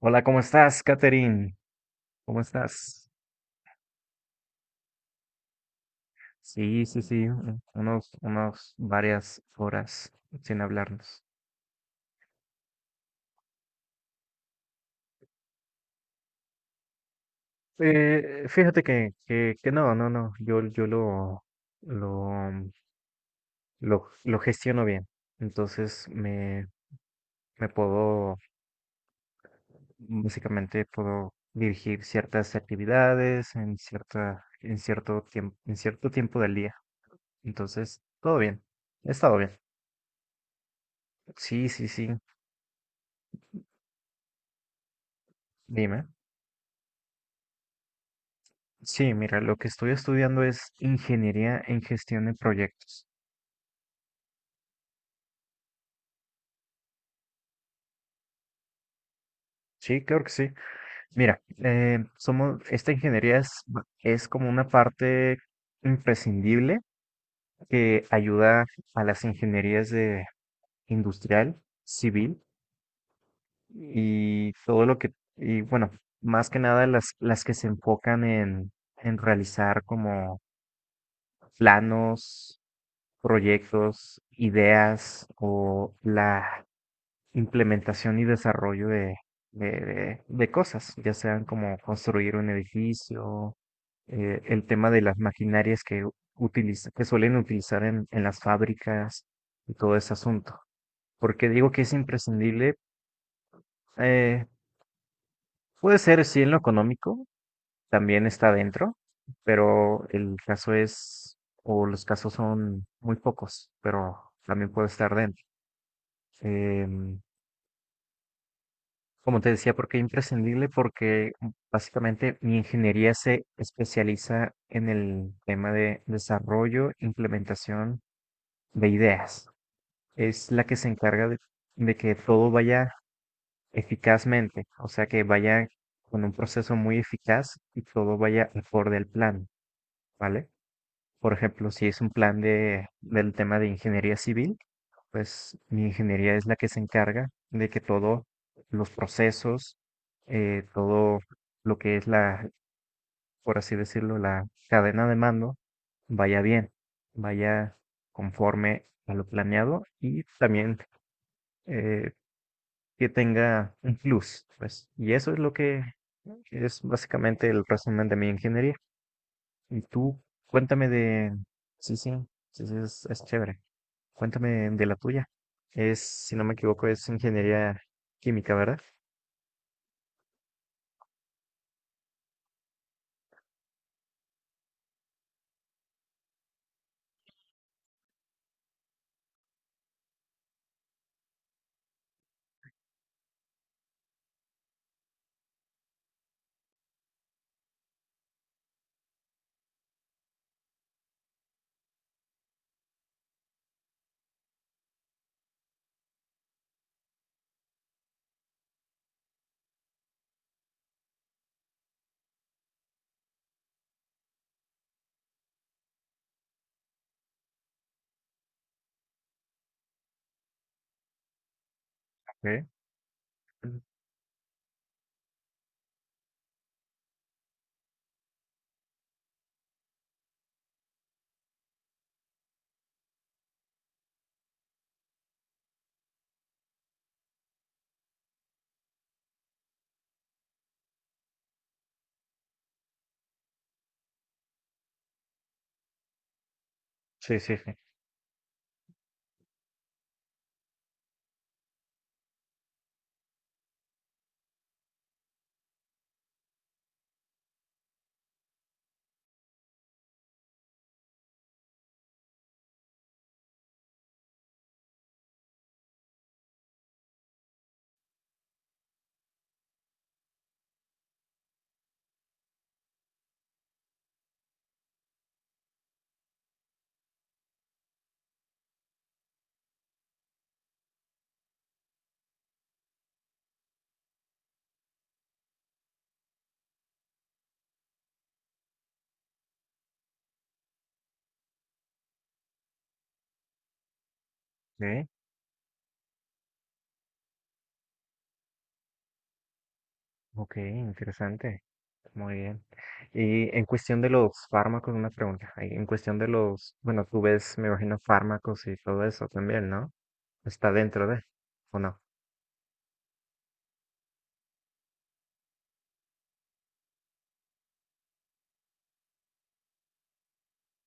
Hola, ¿cómo estás, Katherine? ¿Cómo estás? Sí, sí, sí, unos varias horas sin hablarnos. Fíjate que no, no, no, yo lo, lo gestiono bien. Entonces me, me puedo, básicamente puedo dirigir ciertas actividades en en cierto en cierto tiempo del día. Entonces, todo bien, he estado bien. Sí, sí, sí, dime. Sí, mira, lo que estoy estudiando es ingeniería en gestión de proyectos. Sí, claro que sí. Mira, somos, esta ingeniería es como una parte imprescindible que ayuda a las ingenierías de industrial, civil y todo lo que. Y bueno, más que nada las que se enfocan en realizar como planos, proyectos, ideas o la implementación y desarrollo de cosas, ya sean como construir un edificio, el tema de las maquinarias que que suelen utilizar en las fábricas y todo ese asunto. Porque digo que es imprescindible, eh, puede ser sí en lo económico, también está dentro, pero el caso es, o los casos son muy pocos, pero también puede estar dentro. Em, Como te decía, porque imprescindible, porque básicamente mi ingeniería se especializa en el tema de desarrollo, implementación de ideas. Es la que se encarga de que todo vaya eficazmente, o sea, que vaya con un proceso muy eficaz y todo vaya acorde al plan, ¿vale? Por ejemplo, si es un plan del tema de ingeniería civil, pues mi ingeniería es la que se encarga de que todos los procesos, todo lo que es por así decirlo, la cadena de mando, vaya bien, vaya conforme a lo planeado y también eh, que tenga un plus, pues. Y eso es lo que es básicamente el resumen de mi ingeniería. Y tú, cuéntame de... Sí, sí, sí, sí, es chévere. Cuéntame de la tuya. Es, si no me equivoco, es ingeniería química, ¿verdad? Ok. Mm. Sí, sí, sí. Ok, ok, interesante. Muy bien. Y en cuestión de los fármacos, una pregunta. Ahí, en cuestión de los, bueno, tú ves, me imagino, fármacos y todo eso también, ¿no? Está dentro de, ¿o no?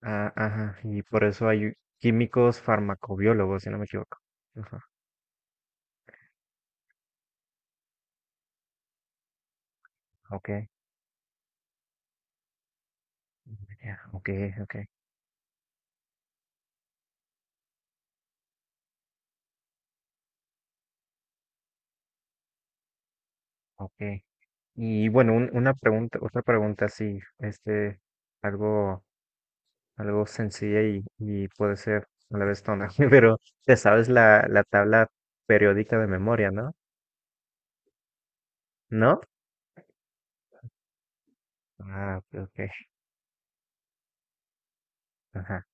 Ah, ajá. Y por eso hay químicos farmacobiólogos, si no me equivoco. Ajá. Ok. Ya, ok, ok, ok. Y bueno, una pregunta, otra pregunta así, este, algo, algo sencilla y puede ser a la vez tonta, pero te sabes la tabla periódica de memoria, ¿no? ¿No? Ah, ok, ok, ajá.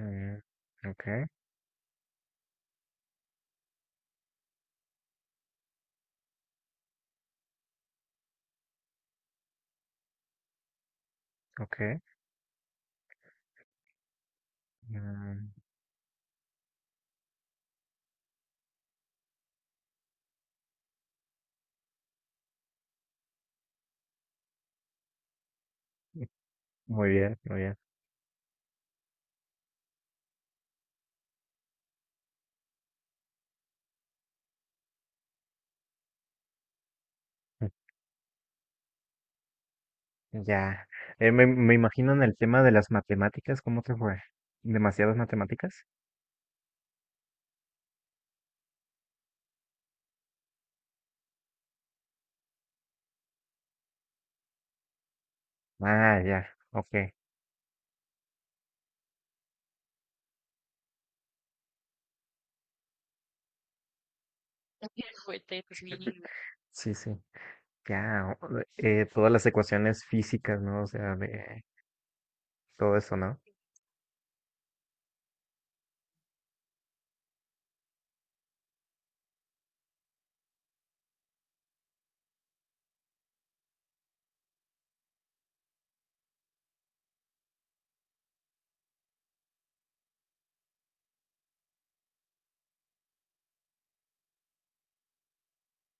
Mm, ok, ok. Mm, muy bien, muy bien. Mm, ya. Me imagino en el tema de las matemáticas, ¿cómo te fue? ¿Demasiadas matemáticas? Ah, ya, ok. Sí, sí. Ya, todas las ecuaciones físicas, ¿no? O sea, de todo eso, ¿no?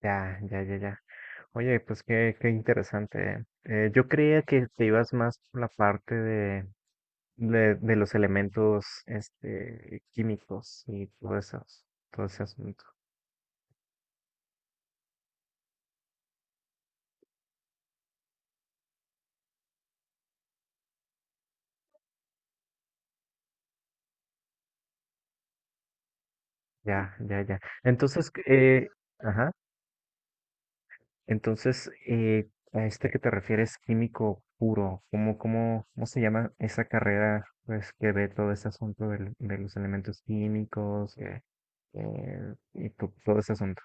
Ya, ya, ya, ya. Oye, pues qué, qué interesante. Yo creía que te ibas más por la parte de los elementos, este, químicos y todo eso, todo ese asunto. Ya, ya, ya. Entonces, ajá. Entonces, a este que te refieres, químico puro, ¿cómo se llama esa carrera pues, que ve todo ese asunto de los elementos químicos y todo ese asunto?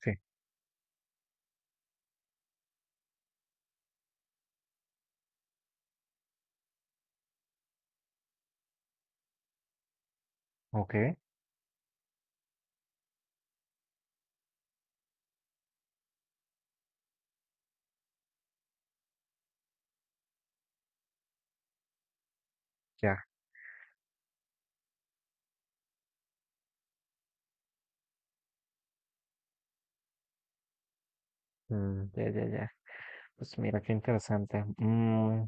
Sí, ok, ya, mm, ya, ya, ya. Pues mira, qué interesante. Mm,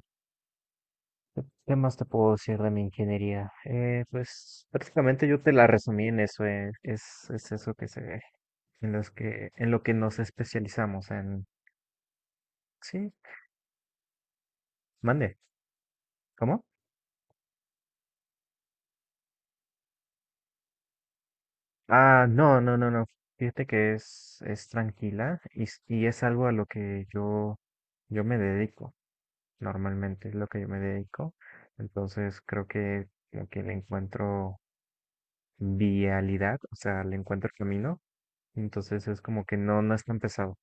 ¿qué qué más te puedo decir de mi ingeniería? Pues prácticamente yo te la resumí en eso, es eso que se ve, en los que, en lo que nos especializamos en... Sí, mande, ¿cómo? Ah, no, no, no, no. Fíjate que es tranquila y es algo a lo que yo me dedico. Normalmente es lo que yo me dedico. Entonces creo que como que le encuentro vialidad, o sea, le encuentro camino. Entonces es como que no, no es tan pesado.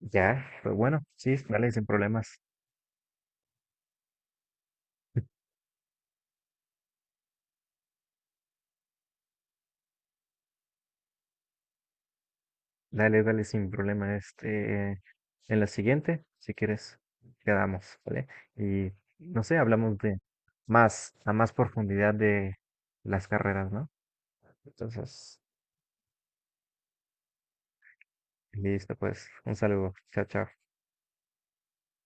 Ya, pero bueno, sí, dale, sin problemas. Dale, dale, sin problema. Este, en la siguiente, si quieres, quedamos, ¿vale? Y no sé, hablamos de más, a más profundidad de las carreras, ¿no? Entonces, listo, pues, un saludo. Chao, chao.